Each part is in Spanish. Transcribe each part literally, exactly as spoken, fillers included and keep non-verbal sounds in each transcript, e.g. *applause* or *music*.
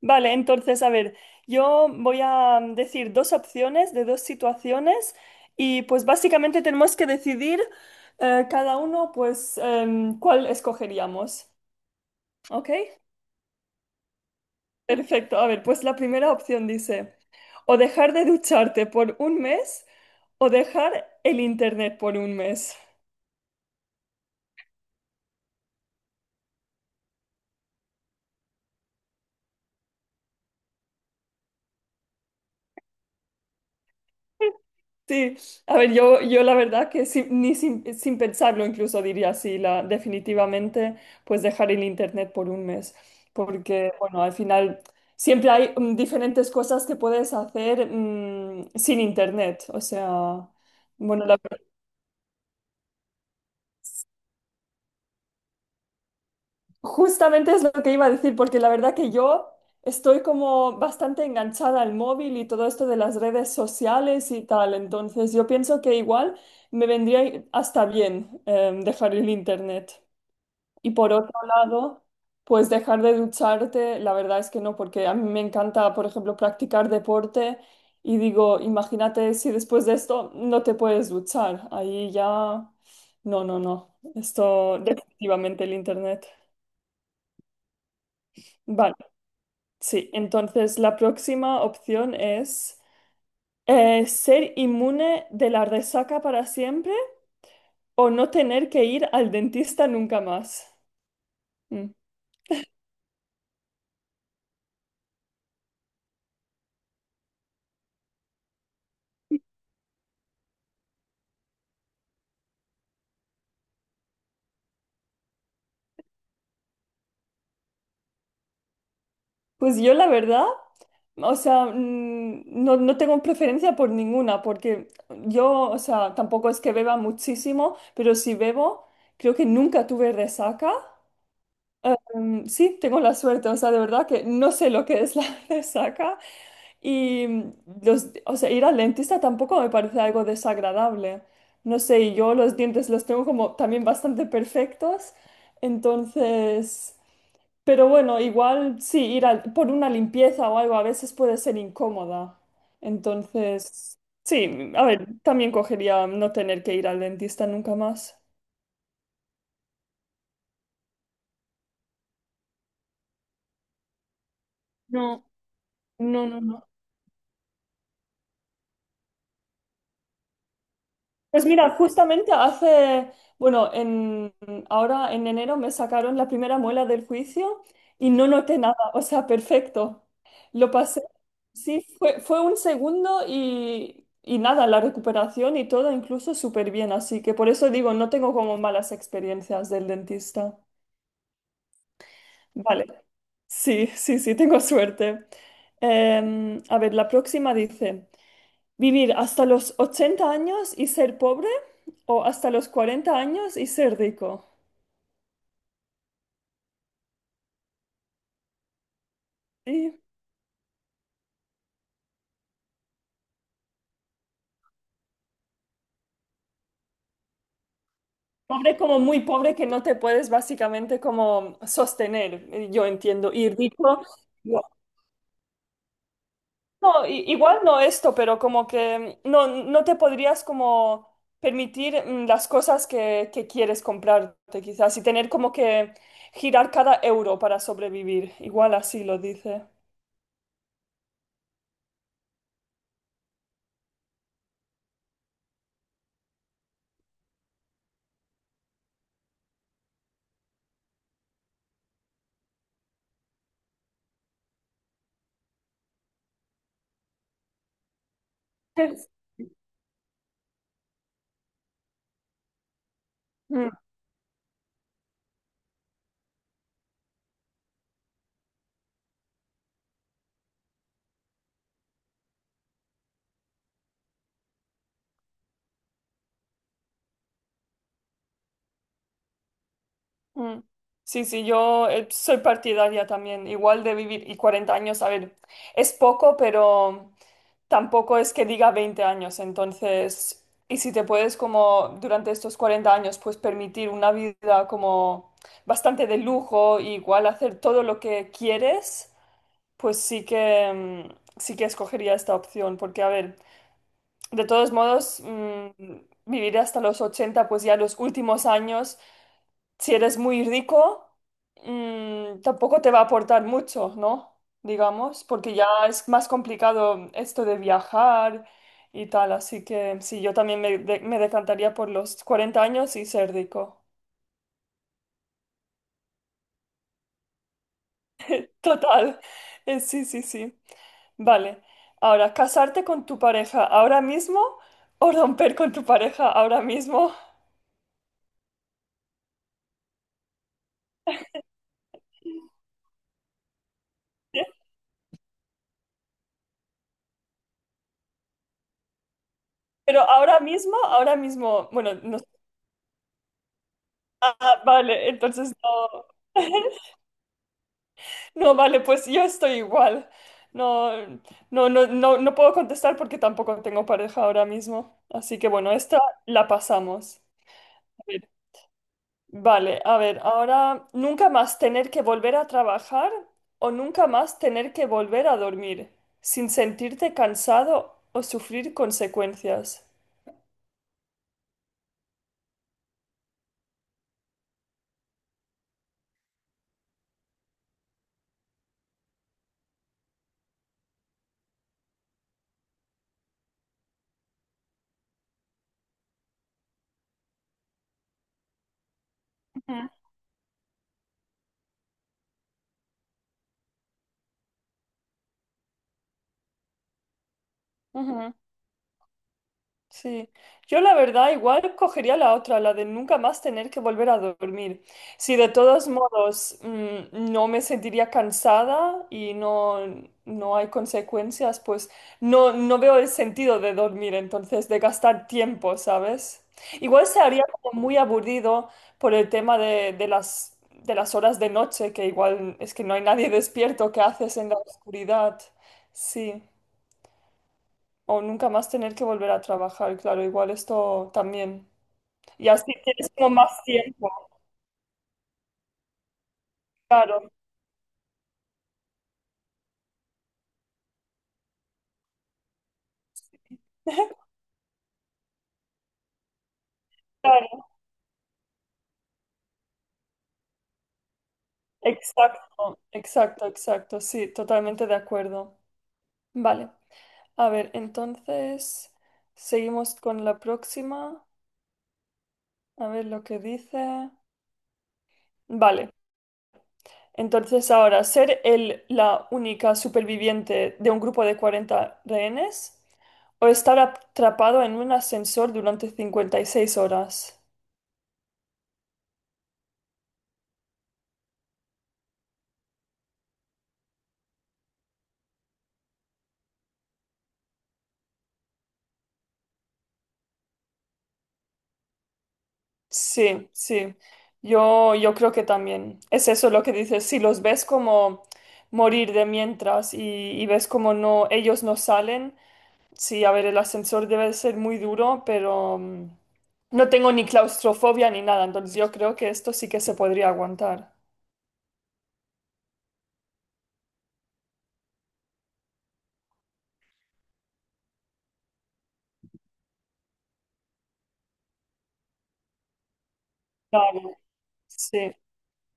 Vale, entonces, a ver, yo voy a mm, decir dos opciones de dos situaciones y pues básicamente tenemos que decidir eh, cada uno pues em, cuál escogeríamos. ¿Ok? Perfecto. A ver, pues la primera opción dice, o dejar de ducharte por un mes o dejar el internet por un mes. Sí, a ver, yo, yo la verdad que sin- ni sin, sin pensarlo incluso diría así, la, definitivamente pues dejar el internet por un mes, porque bueno, al final siempre hay mm, diferentes cosas que puedes hacer mm, sin internet, o sea, bueno, la- justamente es lo que iba a decir, porque la verdad que yo estoy como bastante enganchada al móvil y todo esto de las redes sociales y tal, entonces yo pienso que igual me vendría hasta bien em, dejar el internet. Y por otro lado, pues dejar de ducharte, la verdad es que no, porque a mí me encanta, por ejemplo, practicar deporte y digo, imagínate si después de esto no te puedes duchar, ahí ya, no, no, no, esto definitivamente el internet. Vale, sí, entonces la próxima opción es eh, ser inmune de la resaca para siempre o no tener que ir al dentista nunca más. Mm. Pues yo la verdad... O sea, mm, no, no tengo preferencia por ninguna, porque yo, o sea, tampoco es que beba muchísimo, pero si bebo, creo que nunca tuve resaca. Mm, sí, tengo la suerte, o sea, de verdad que no sé lo que es la *laughs* resaca. Y mm, los, o sea, ir al dentista tampoco me parece algo desagradable. No sé, y yo los dientes los tengo como también bastante perfectos. Entonces. Pero bueno, igual sí, ir al- por una limpieza o algo a veces puede ser incómoda. Entonces, sí, a ver, también cogería no tener que ir al dentista nunca más. No, no, no, no. Pues mira, justamente hace, bueno, en, ahora en enero me sacaron la primera muela del juicio y no noté nada, o sea, perfecto. Lo pasé, sí, fue, fue un segundo y, y nada, la recuperación y todo incluso súper bien, así que por eso digo, no tengo como malas experiencias del dentista. Vale, sí, sí, sí, tengo suerte. Em, a ver, la próxima dice... ¿Vivir hasta los ochenta años y ser pobre o hasta los cuarenta años y ser rico? Sí. Pobre como muy pobre que no te puedes básicamente como sostener, eh, yo entiendo. Y rico, no, no, i- igual no esto, pero como que no, no te podrías como permitir mm, las cosas que, que quieres comprarte quizás y tener como que girar cada euro para sobrevivir. Igual así lo dice. *laughs* Mm. Sí, sí, yo eh, soy partidaria también, igual de vivir y cuarenta años, a ver, es poco, pero tampoco es que diga veinte años, entonces, y si te puedes como durante estos cuarenta años, pues permitir una vida como bastante de lujo, y igual hacer todo lo que quieres, pues sí que, mm, sí que escogería esta opción, porque a ver, de todos modos, mm, vivir hasta los ochenta, pues ya los últimos años si eres muy rico, mm, tampoco te va a aportar mucho, ¿no? Digamos, porque ya es más complicado esto de viajar y tal, así que sí, yo también me, de- me decantaría por los cuarenta años y ser rico. *laughs* Total, Eh, sí, sí, sí. Vale, ahora, ¿casarte con tu pareja ahora mismo o romper con tu pareja ahora mismo? Pero ahora mismo, ahora mismo, bueno, no, ah, vale, entonces no. *laughs* No, vale, pues yo estoy igual. No, no, no, no, no puedo contestar porque tampoco tengo pareja ahora mismo. Así que bueno, esta la pasamos. A ver, vale, a ver, ahora nunca más tener que volver a trabajar o nunca más tener que volver a dormir sin sentirte cansado o sufrir consecuencias. Ujú. Ujú. Sí, yo la verdad igual cogería la otra, la de nunca más tener que volver a dormir. Si de todos modos mm, no me sentiría cansada y no, no hay consecuencias, pues no, no veo el sentido de dormir, entonces de gastar tiempo, ¿sabes? Igual se haría como muy aburrido por el tema de, de las, de las horas de noche, que igual es que no hay nadie *laughs* despierto, ¿qué haces en la oscuridad? Sí. O nunca más tener que volver a trabajar, claro, igual esto también. Y así tienes como más tiempo, claro, claro, exacto, exacto, exacto, sí, totalmente de acuerdo. Vale, a ver, entonces seguimos con la próxima, a ver lo que dice. Vale, entonces ahora, ser el, la única superviviente de un grupo de cuarenta rehenes o estar atrapado en un ascensor durante cincuenta y seis horas. Sí, sí. Yo, yo creo que también es eso lo que dices. Si los ves como morir de mientras y, y ves como no, ellos no salen, sí, a ver, el ascensor debe ser muy duro, pero mm, no tengo ni claustrofobia ni nada, entonces yo creo que esto sí que se podría aguantar. Claro, sí.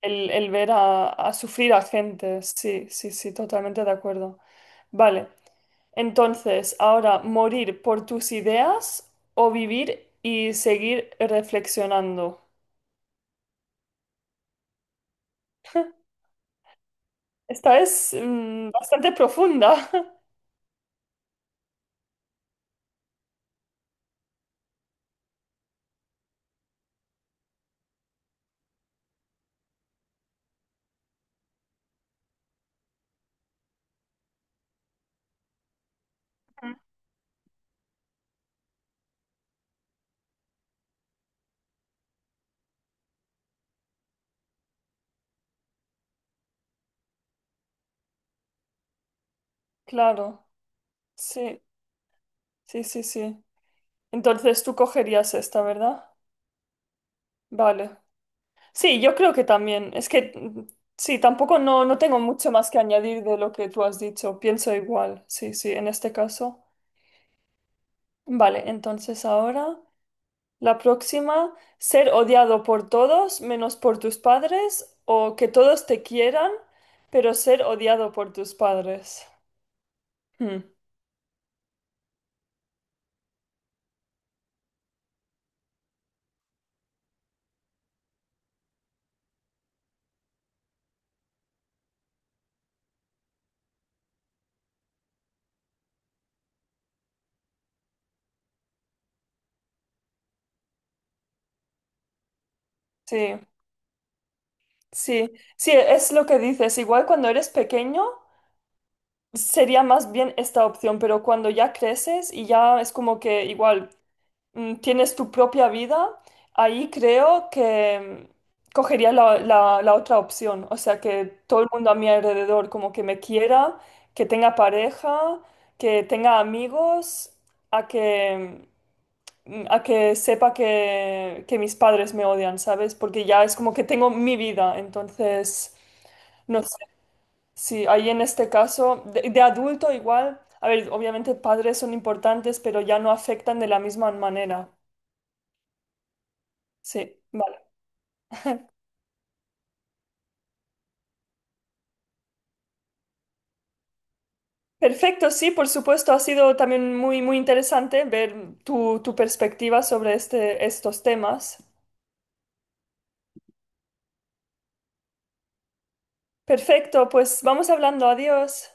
El, el ver a, a sufrir a gente, sí, sí, sí, totalmente de acuerdo. Vale, entonces, ahora, ¿morir por tus ideas o vivir y seguir reflexionando? Esta es mm, bastante profunda. *laughs* Ujú. Claro, sí, sí, sí, sí. Entonces tú cogerías esta, ¿verdad? Vale. Sí, yo creo que también. Es que mm, sí, tampoco no, no tengo mucho más que añadir de lo que tú has dicho. Pienso igual, sí, sí, en este caso. Vale, entonces ahora. La próxima, ser odiado por todos menos por tus padres o que todos te quieran, pero ser odiado por tus padres. Hmm, sí, sí, sí, es lo que dices. Igual cuando eres pequeño sería más bien esta opción, pero cuando ya creces y ya es como que igual mm, tienes tu propia vida, ahí creo que mm, cogería la, la- la otra opción. O sea, que todo el mundo a mi alrededor como que me quiera, que tenga pareja, que tenga amigos, a que, mm, a que sepa que, que mis padres me odian, ¿sabes? Porque ya es como que tengo mi vida, entonces, no sé. Sí, ahí en este caso, de, de adulto igual, a ver, obviamente padres son importantes, pero ya no afectan de la misma manera. Sí. Perfecto, sí, por supuesto, ha sido también muy, muy interesante ver tu, tu perspectiva sobre este, estos temas. Perfecto, pues vamos hablando, adiós.